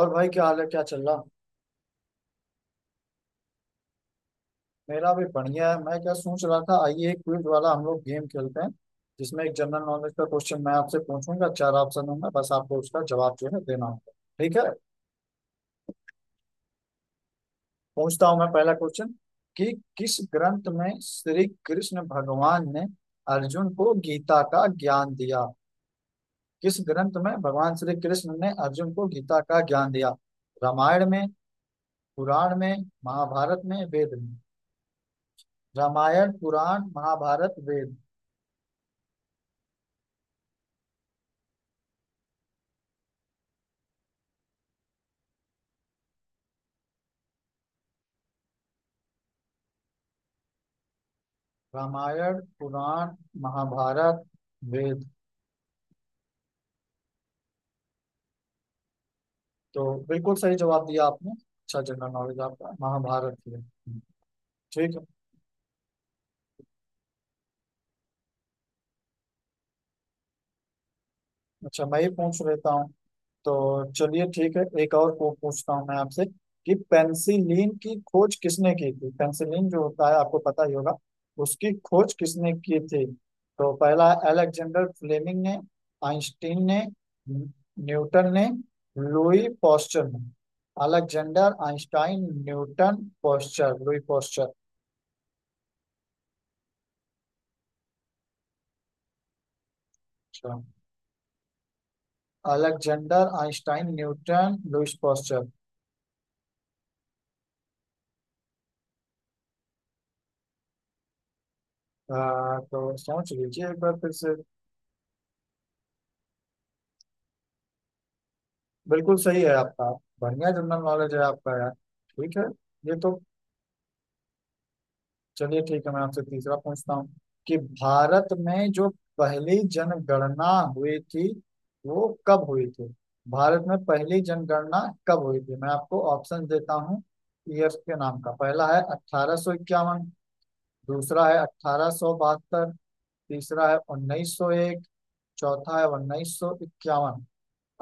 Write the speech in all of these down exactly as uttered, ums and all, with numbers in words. और भाई क्या हाल है, क्या चल रहा? मेरा भी बढ़िया है। मैं क्या सोच रहा था, आइए एक क्विज वाला हम लोग गेम खेलते हैं, जिसमें एक जनरल नॉलेज का क्वेश्चन मैं आपसे पूछूंगा, चार ऑप्शन होंगे, बस आपको उसका जवाब जो है देना होगा। ठीक है? पूछता हूँ मैं पहला क्वेश्चन कि किस ग्रंथ में श्री कृष्ण भगवान ने अर्जुन को गीता का ज्ञान दिया? किस ग्रंथ में भगवान श्री कृष्ण ने अर्जुन को गीता का ज्ञान दिया? रामायण में, पुराण में, महाभारत में, वेद में। रामायण, पुराण, महाभारत, वेद। रामायण, पुराण, महाभारत, वेद। तो बिल्कुल सही जवाब दिया आपने। अच्छा जनरल नॉलेज आपका। महाभारत ही है। ठीक है। अच्छा, मैं ही पूछ लेता हूँ। तो चलिए ठीक है, एक और पू- पूछता हूँ मैं आपसे कि पेनिसिलिन की खोज किसने की थी? पेनिसिलिन जो होता है आपको पता ही होगा, उसकी खोज किसने की थी? तो पहला, अलेक्जेंडर फ्लेमिंग ने, आइंस्टीन ने, न्यू- न्यूटन ने, लुई पॉस्चर ने। Alexander, Einstein, Newton, Pasteur, Louis Pasteur. अच्छा, Alexander, Einstein, Newton, Louis Pasteur. आ, तो सोच लीजिए एक बार फिर से। बिल्कुल सही है आपका। बढ़िया जनरल नॉलेज है आपका यार। ठीक है। ये तो, चलिए ठीक है, मैं आपसे तीसरा पूछता हूँ कि भारत में जो पहली जनगणना हुई थी वो कब हुई थी? भारत में पहली जनगणना कब हुई थी? मैं आपको ऑप्शन देता हूँ। ईएफ के नाम का पहला है अठारह सौ इक्यावन, दूसरा है अठारह सौ बहत्तर, तीसरा है उन्नीस सौ एक, चौथा है उन्नीस सौ इक्यावन।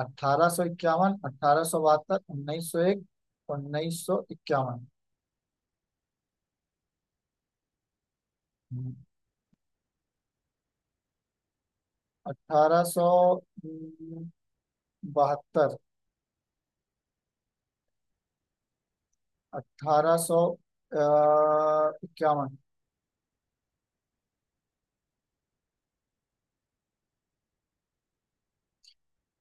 अठारह सौ इक्यावन, अठारह सौ बहत्तर, उन्नीस सौ एक, उन्नीस सौ इक्यावन। अठारह सौ बहत्तर। अठारह सौ इक्यावन।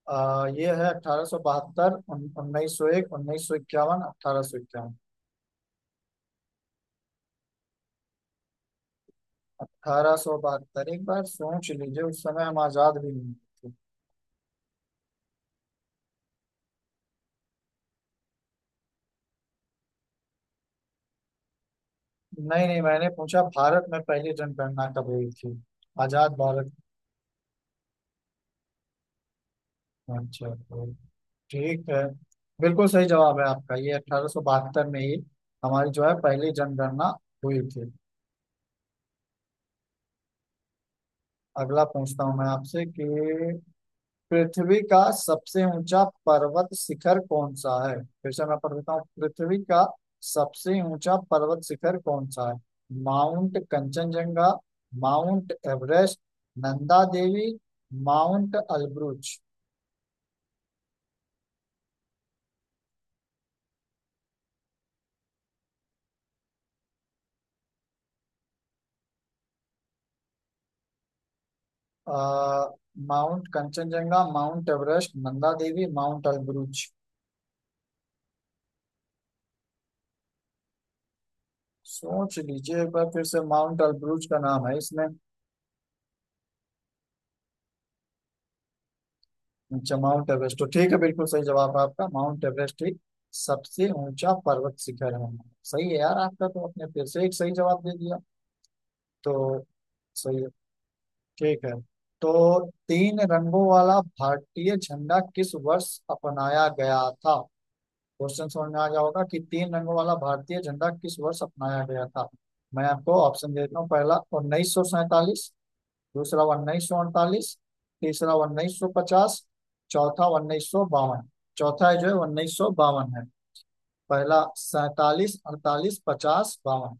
अ, ये है अठारह सौ बहत्तर, उन्नीस सौ एक, उन्नीस सौ इक्यावन, अठारह सौ इक्यावन। अठारह सौ बहत्तर। एक बार सोच लीजिए, उस समय हम आजाद भी नहीं थे। नहीं नहीं, मैंने पूछा भारत में पहली जनगणना कब हुई थी। आजाद भारत। अच्छा, ठीक है। बिल्कुल सही जवाब है आपका, ये अठारह सौ बहत्तर में ही हमारी जो है पहली जनगणना हुई थी। अगला पूछता हूँ मैं आपसे कि पृथ्वी का सबसे ऊंचा पर्वत शिखर कौन सा है? फिर से मैं पढ़ देता हूँ, पृथ्वी का सबसे ऊंचा पर्वत शिखर कौन सा है? Mount Kanchenjunga, Mount Everest, Nanda Devi, Mount Elbrus. अ, Mount Kanchenjunga, Mount Everest, Nanda Devi, Mount Elbrus. सोच लीजिए एक बार फिर से, माउंट एलब्रूज का नाम है इसमें। अच्छा, माउंट एवरेस्ट तो ठीक है, बिल्कुल सही जवाब है आपका। माउंट एवरेस्ट ही सबसे ऊंचा पर्वत शिखर है। सही है यार आपका, तो आपने फिर से एक सही जवाब दे दिया। तो सही है, ठीक है। तो तीन रंगों वाला भारतीय झंडा किस वर्ष अपनाया गया था? क्वेश्चन समझ में आ गया होगा कि तीन रंगों वाला भारतीय झंडा किस वर्ष अपनाया गया था? मैं आपको ऑप्शन दे देता हूँ। पहला उन्नीस सौ सैतालीस, दूसरा उन्नीस सौ अड़तालीस, तीसरा उन्नीस सौ पचास, चौथा उन्नीस सौ बावन। चौथा जो है उन्नीस सौ बावन है। पहला सैतालीस, अड़तालीस, पचास, बावन।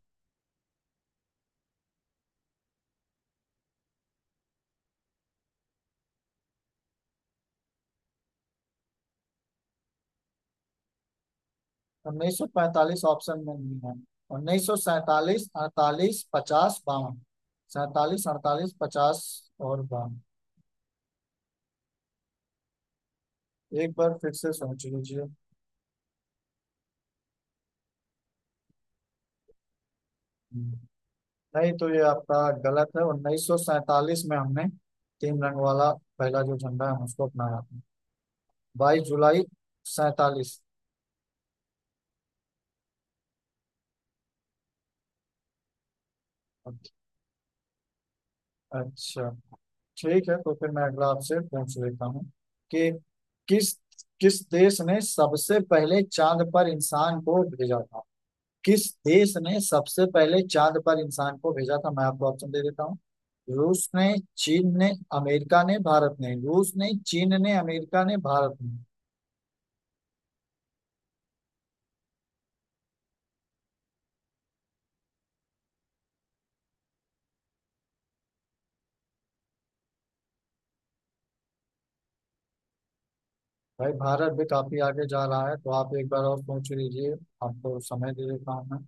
उन्नीस सौ पैंतालीस ऑप्शन में नहीं है। उन्नीस सौ सैतालीस, अड़तालीस, पचास, बावन। सैतालीस, अड़तालीस, पचास और बावन। एक बार फिर से सोच लीजिए। नहीं, तो ये आपका गलत है। उन्नीस सौ सैतालीस में हमने तीन रंग वाला पहला जो झंडा है हम उसको अपनाया। बाईस जुलाई सैतालीस। अच्छा, ठीक है, तो फिर मैं अगला आपसे पूछ लेता हूँ कि किस किस देश ने सबसे पहले चांद पर इंसान को भेजा था? किस देश ने सबसे पहले चांद पर इंसान को भेजा था? मैं आपको ऑप्शन दे देता हूँ। रूस ने, चीन ने, अमेरिका ने, भारत ने। रूस ने, चीन ने, अमेरिका ने, भारत ने। भाई, भारत भी काफी आगे जा रहा है, तो आप एक बार और पूछ लीजिए। आपको समय दे देता हूँ मैं।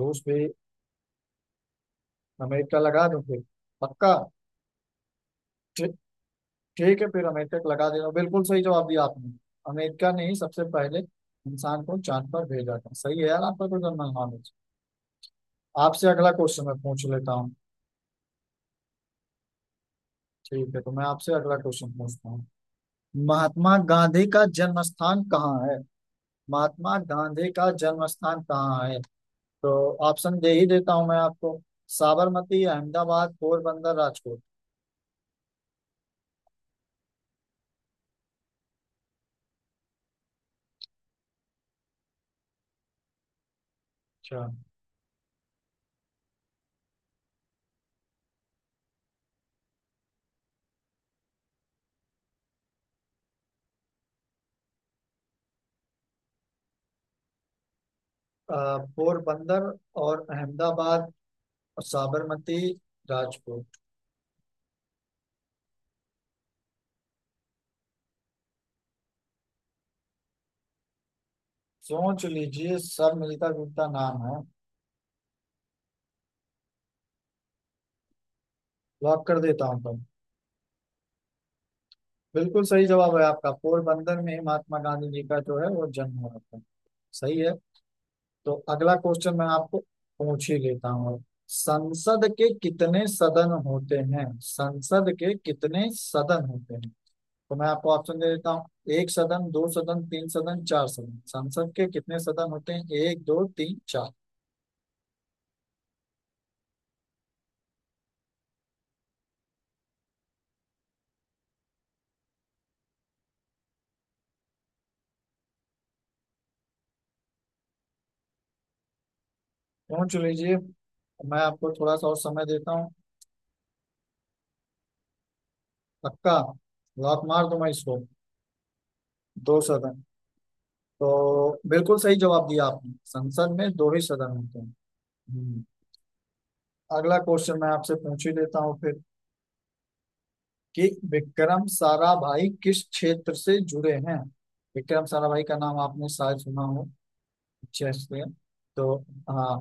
रूस भी? अमेरिका लगा दूं फिर? पक्का? ठीक है, फिर अमेरिका को लगा देना। बिल्कुल सही जवाब दिया आपने। अमेरिका ने ही सबसे पहले इंसान को चांद पर भेजा था। सही है यार आपका, तो जनरल नॉलेज। आपसे अगला क्वेश्चन मैं पूछ लेता हूँ। ठीक है, तो मैं आपसे अगला क्वेश्चन पूछता हूँ। महात्मा गांधी का जन्म स्थान कहाँ है? महात्मा गांधी का जन्म स्थान कहाँ है? तो ऑप्शन दे ही देता हूँ मैं आपको। साबरमती, अहमदाबाद, पोरबंदर, राजकोट। अच्छा, अ, पोरबंदर और अहमदाबाद और साबरमती, राजकोट। सोच लीजिए, सब मिलता जुलता नाम है। लॉक कर देता हूँ तुम। बिल्कुल सही जवाब है आपका, पोरबंदर में ही महात्मा गांधी जी का जो है वो जन्म हुआ था। सही है। तो अगला क्वेश्चन मैं आपको पूछ ही लेता हूँ। संसद के कितने सदन होते हैं? संसद के कितने सदन होते हैं? तो मैं आपको ऑप्शन दे देता हूँ। एक सदन, दो सदन, तीन सदन, चार सदन। संसद के कितने सदन होते हैं? एक, दो, तीन, चार। पूछ लीजिए, मैं आपको थोड़ा सा और समय देता हूँ। पक्का? लॉक मार दूं मैं इसको? दो सदन। तो बिल्कुल सही जवाब दिया आपने। संसद में दो ही सदन होते हैं। हम्म, अगला क्वेश्चन मैं आपसे पूछ ही लेता हूँ फिर कि विक्रम साराभाई किस क्षेत्र से जुड़े हैं? विक्रम साराभाई का नाम आपने शायद सुना हो। चेस से, तो हाँ,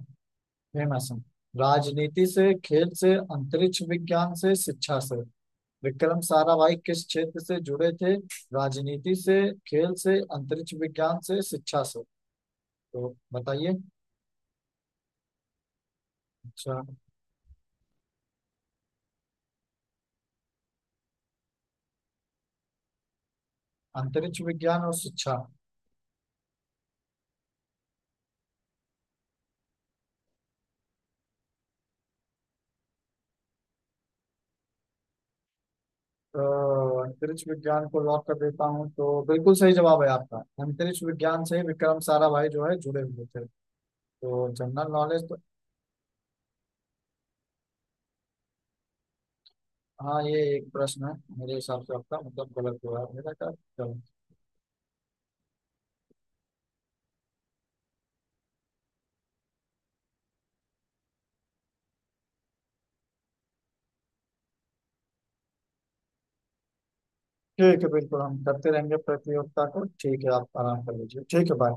फेमस है। राजनीति से, खेल से, अंतरिक्ष विज्ञान से, शिक्षा से। विक्रम साराभाई किस क्षेत्र से जुड़े थे? राजनीति से, खेल से, अंतरिक्ष विज्ञान से, शिक्षा से। तो बताइए। अच्छा, अंतरिक्ष विज्ञान और शिक्षा। तो अंतरिक्ष विज्ञान को लॉक कर देता हूँ, तो बिल्कुल सही जवाब है आपका। अंतरिक्ष विज्ञान से विक्रम साराभाई जो है जुड़े हुए थे। तो जनरल नॉलेज तो, हाँ, ये एक प्रश्न है, मेरे हिसाब से आपका मतलब गलत हो रहा है मेरा ख्याल। चलो ठीक है, बिल्कुल, हम करते रहेंगे प्रतियोगिता को। ठीक है, आप आराम कर लीजिए। ठीक है, बाय।